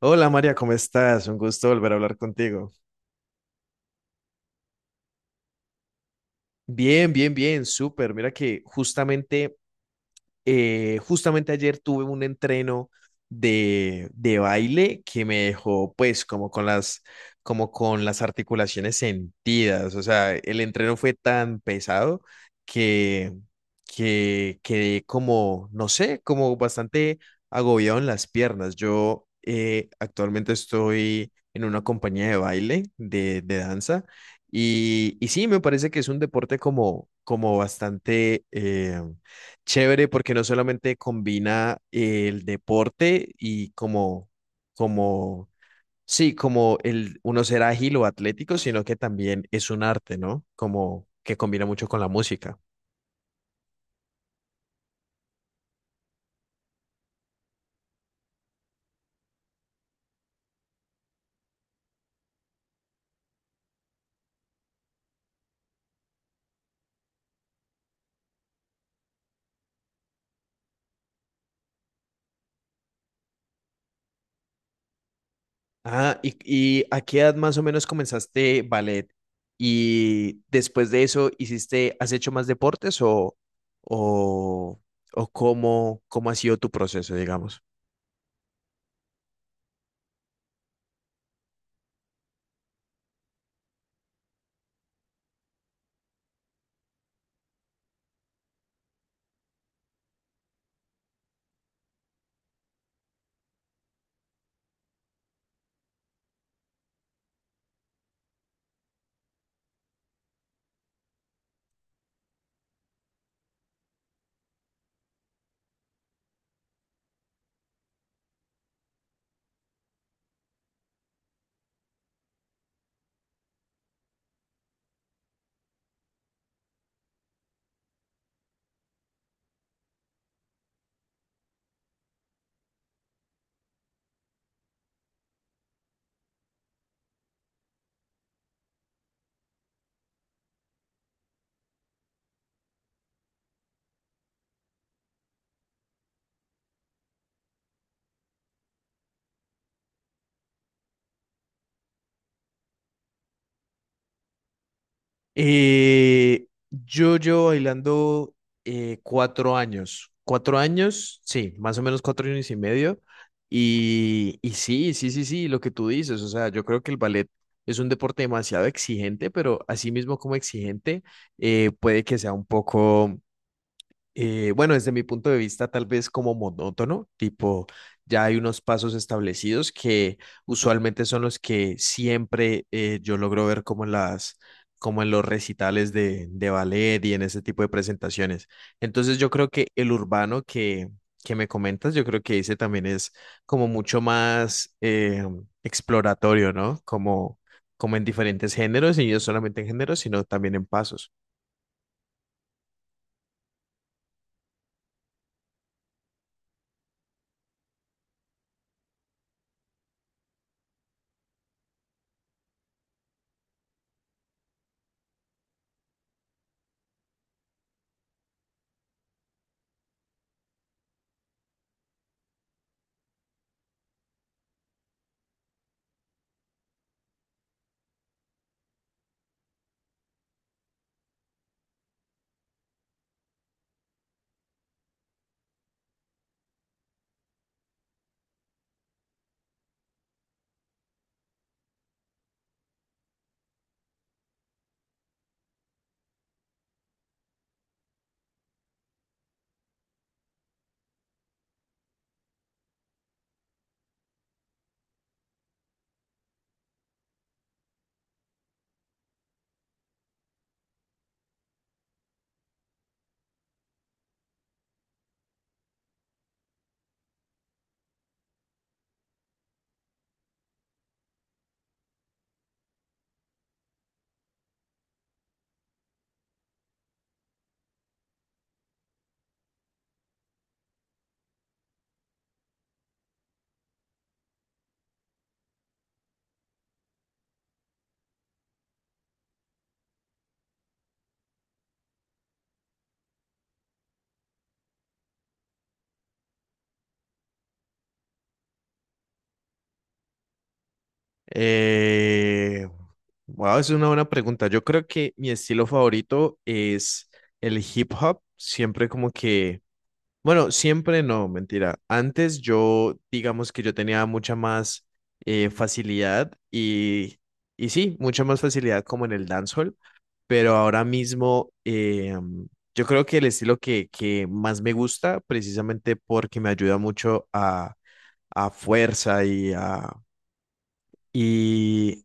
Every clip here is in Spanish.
Hola María, ¿cómo estás? Un gusto volver a hablar contigo. Bien, bien, bien, súper. Mira que justamente ayer tuve un entreno de baile que me dejó pues como con las articulaciones sentidas. O sea, el entreno fue tan pesado que, que quedé como, no sé, como bastante agobiado en las piernas. Yo actualmente estoy en una compañía de baile, de danza, y sí, me parece que es un deporte como, como bastante chévere porque no solamente combina el deporte como, sí, como el uno ser ágil o atlético, sino que también es un arte, ¿no? Como que combina mucho con la música. Ah, y ¿a qué edad más o menos comenzaste ballet? Y después de eso, ¿hiciste, has hecho más deportes o, o cómo, cómo ha sido tu proceso, digamos? Yo llevo bailando cuatro años, sí, más o menos cuatro años y medio. Y sí, sí, sí, sí, lo que tú dices, o sea, yo creo que el ballet es un deporte demasiado exigente, pero así mismo como exigente, puede que sea un poco bueno, desde mi punto de vista, tal vez como monótono, tipo, ya hay unos pasos establecidos que usualmente son los que siempre yo logro ver como en las, como en los recitales de ballet y en ese tipo de presentaciones. Entonces, yo creo que el urbano que me comentas, yo creo que ese también es como mucho más exploratorio, ¿no? Como, como en diferentes géneros, y no solamente en géneros, sino también en pasos. Eh, wow, es una buena pregunta. Yo creo que mi estilo favorito es el hip hop. Siempre como que, bueno, siempre no, mentira. Antes yo, digamos que yo tenía mucha más facilidad y sí, mucha más facilidad como en el dancehall, pero ahora mismo yo creo que el estilo que más me gusta, precisamente porque me ayuda mucho a fuerza y a y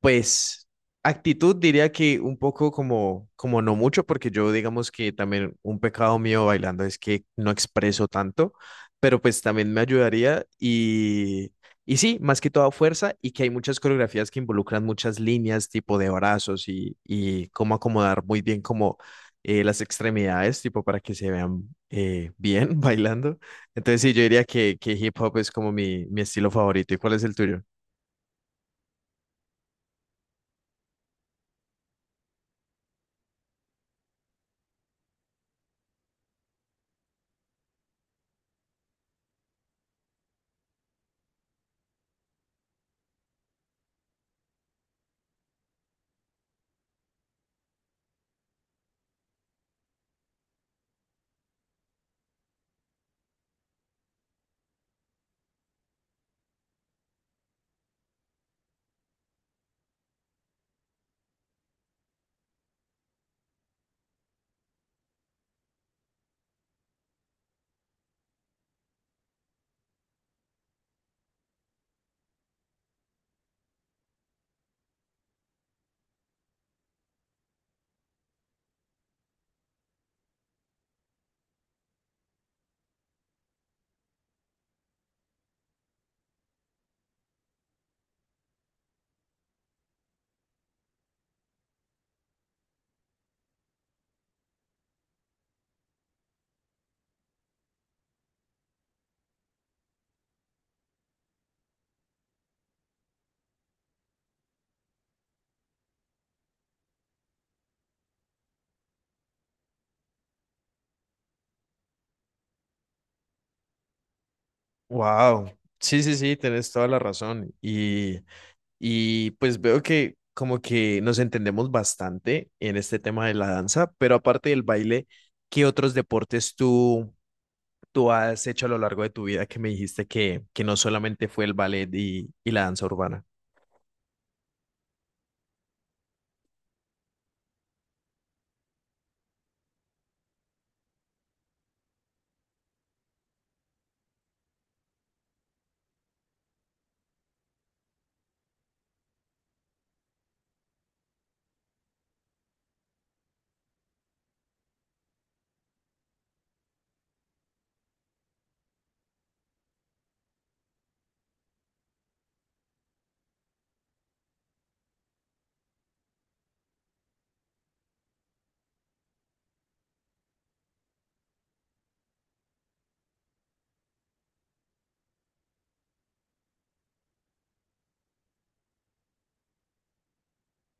pues actitud diría que un poco como, como no mucho, porque yo digamos que también un pecado mío bailando es que no expreso tanto, pero pues también me ayudaría y sí, más que toda fuerza y que hay muchas coreografías que involucran muchas líneas tipo de brazos y cómo acomodar muy bien como las extremidades tipo para que se vean bien bailando. Entonces sí, yo diría que hip hop es como mi estilo favorito. ¿Y cuál es el tuyo? Wow, sí, sí, sí, tenés toda la razón. Y pues veo que como que nos entendemos bastante en este tema de la danza, pero aparte del baile, ¿qué otros deportes tú has hecho a lo largo de tu vida que me dijiste que no solamente fue el ballet y la danza urbana?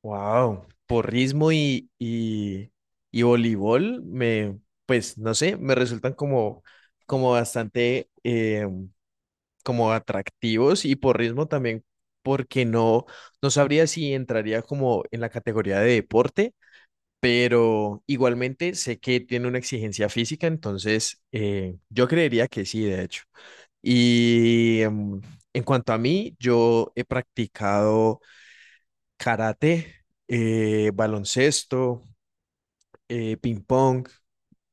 Wow, porrismo y voleibol me, pues no sé, me resultan como, como bastante como atractivos y por ritmo también, porque no sabría si entraría como en la categoría de deporte, pero igualmente sé que tiene una exigencia física, entonces yo creería que sí, de hecho. Y en cuanto a mí, yo he practicado karate, baloncesto, ping pong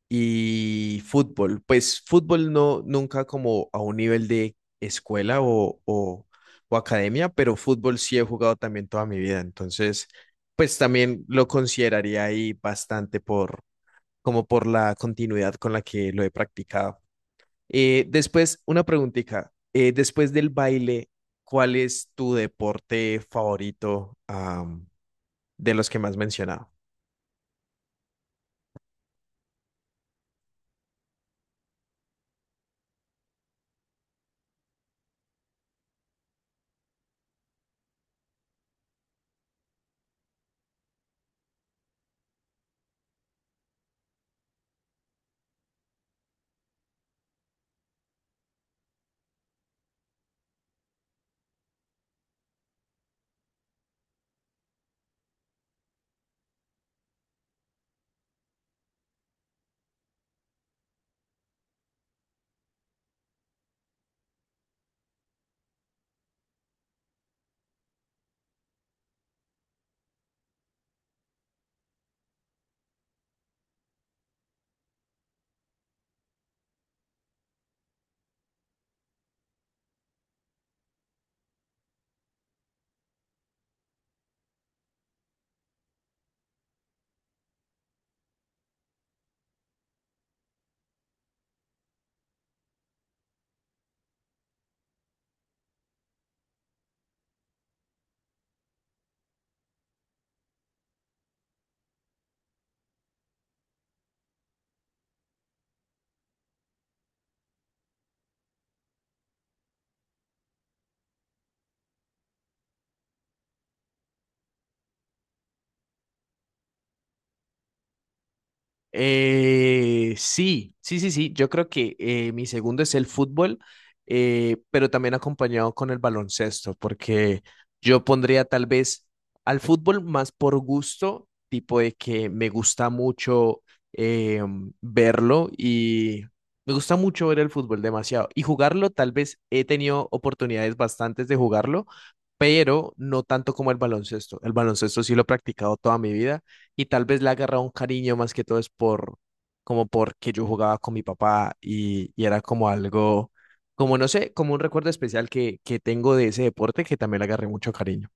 y fútbol. Pues fútbol no, nunca como a un nivel de escuela o academia, pero fútbol sí he jugado también toda mi vida. Entonces, pues también lo consideraría ahí bastante por, como por la continuidad con la que lo he practicado. Después, una preguntita. Después del baile, ¿cuál es tu deporte favorito, de los que más has mencionado? Sí, sí, sí, sí. Yo creo que mi segundo es el fútbol, pero también acompañado con el baloncesto, porque yo pondría tal vez al fútbol más por gusto, tipo de que me gusta mucho eh, verlo y me gusta mucho ver el fútbol demasiado. Y jugarlo, tal vez he tenido oportunidades bastantes de jugarlo, pero no tanto como el baloncesto. El baloncesto sí lo he practicado toda mi vida y tal vez le agarra un cariño más que todo es por, como porque yo jugaba con mi papá y era como algo, como no sé, como un recuerdo especial que tengo de ese deporte que también le agarré mucho cariño.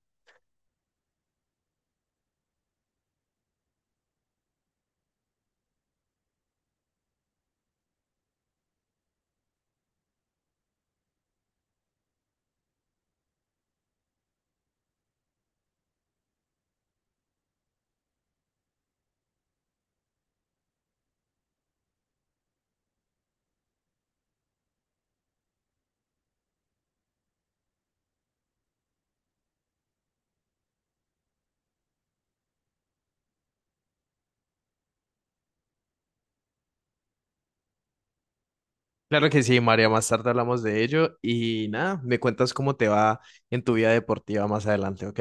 Claro que sí, María, más tarde hablamos de ello y nada, me cuentas cómo te va en tu vida deportiva más adelante, ¿ok?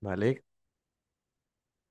Vale.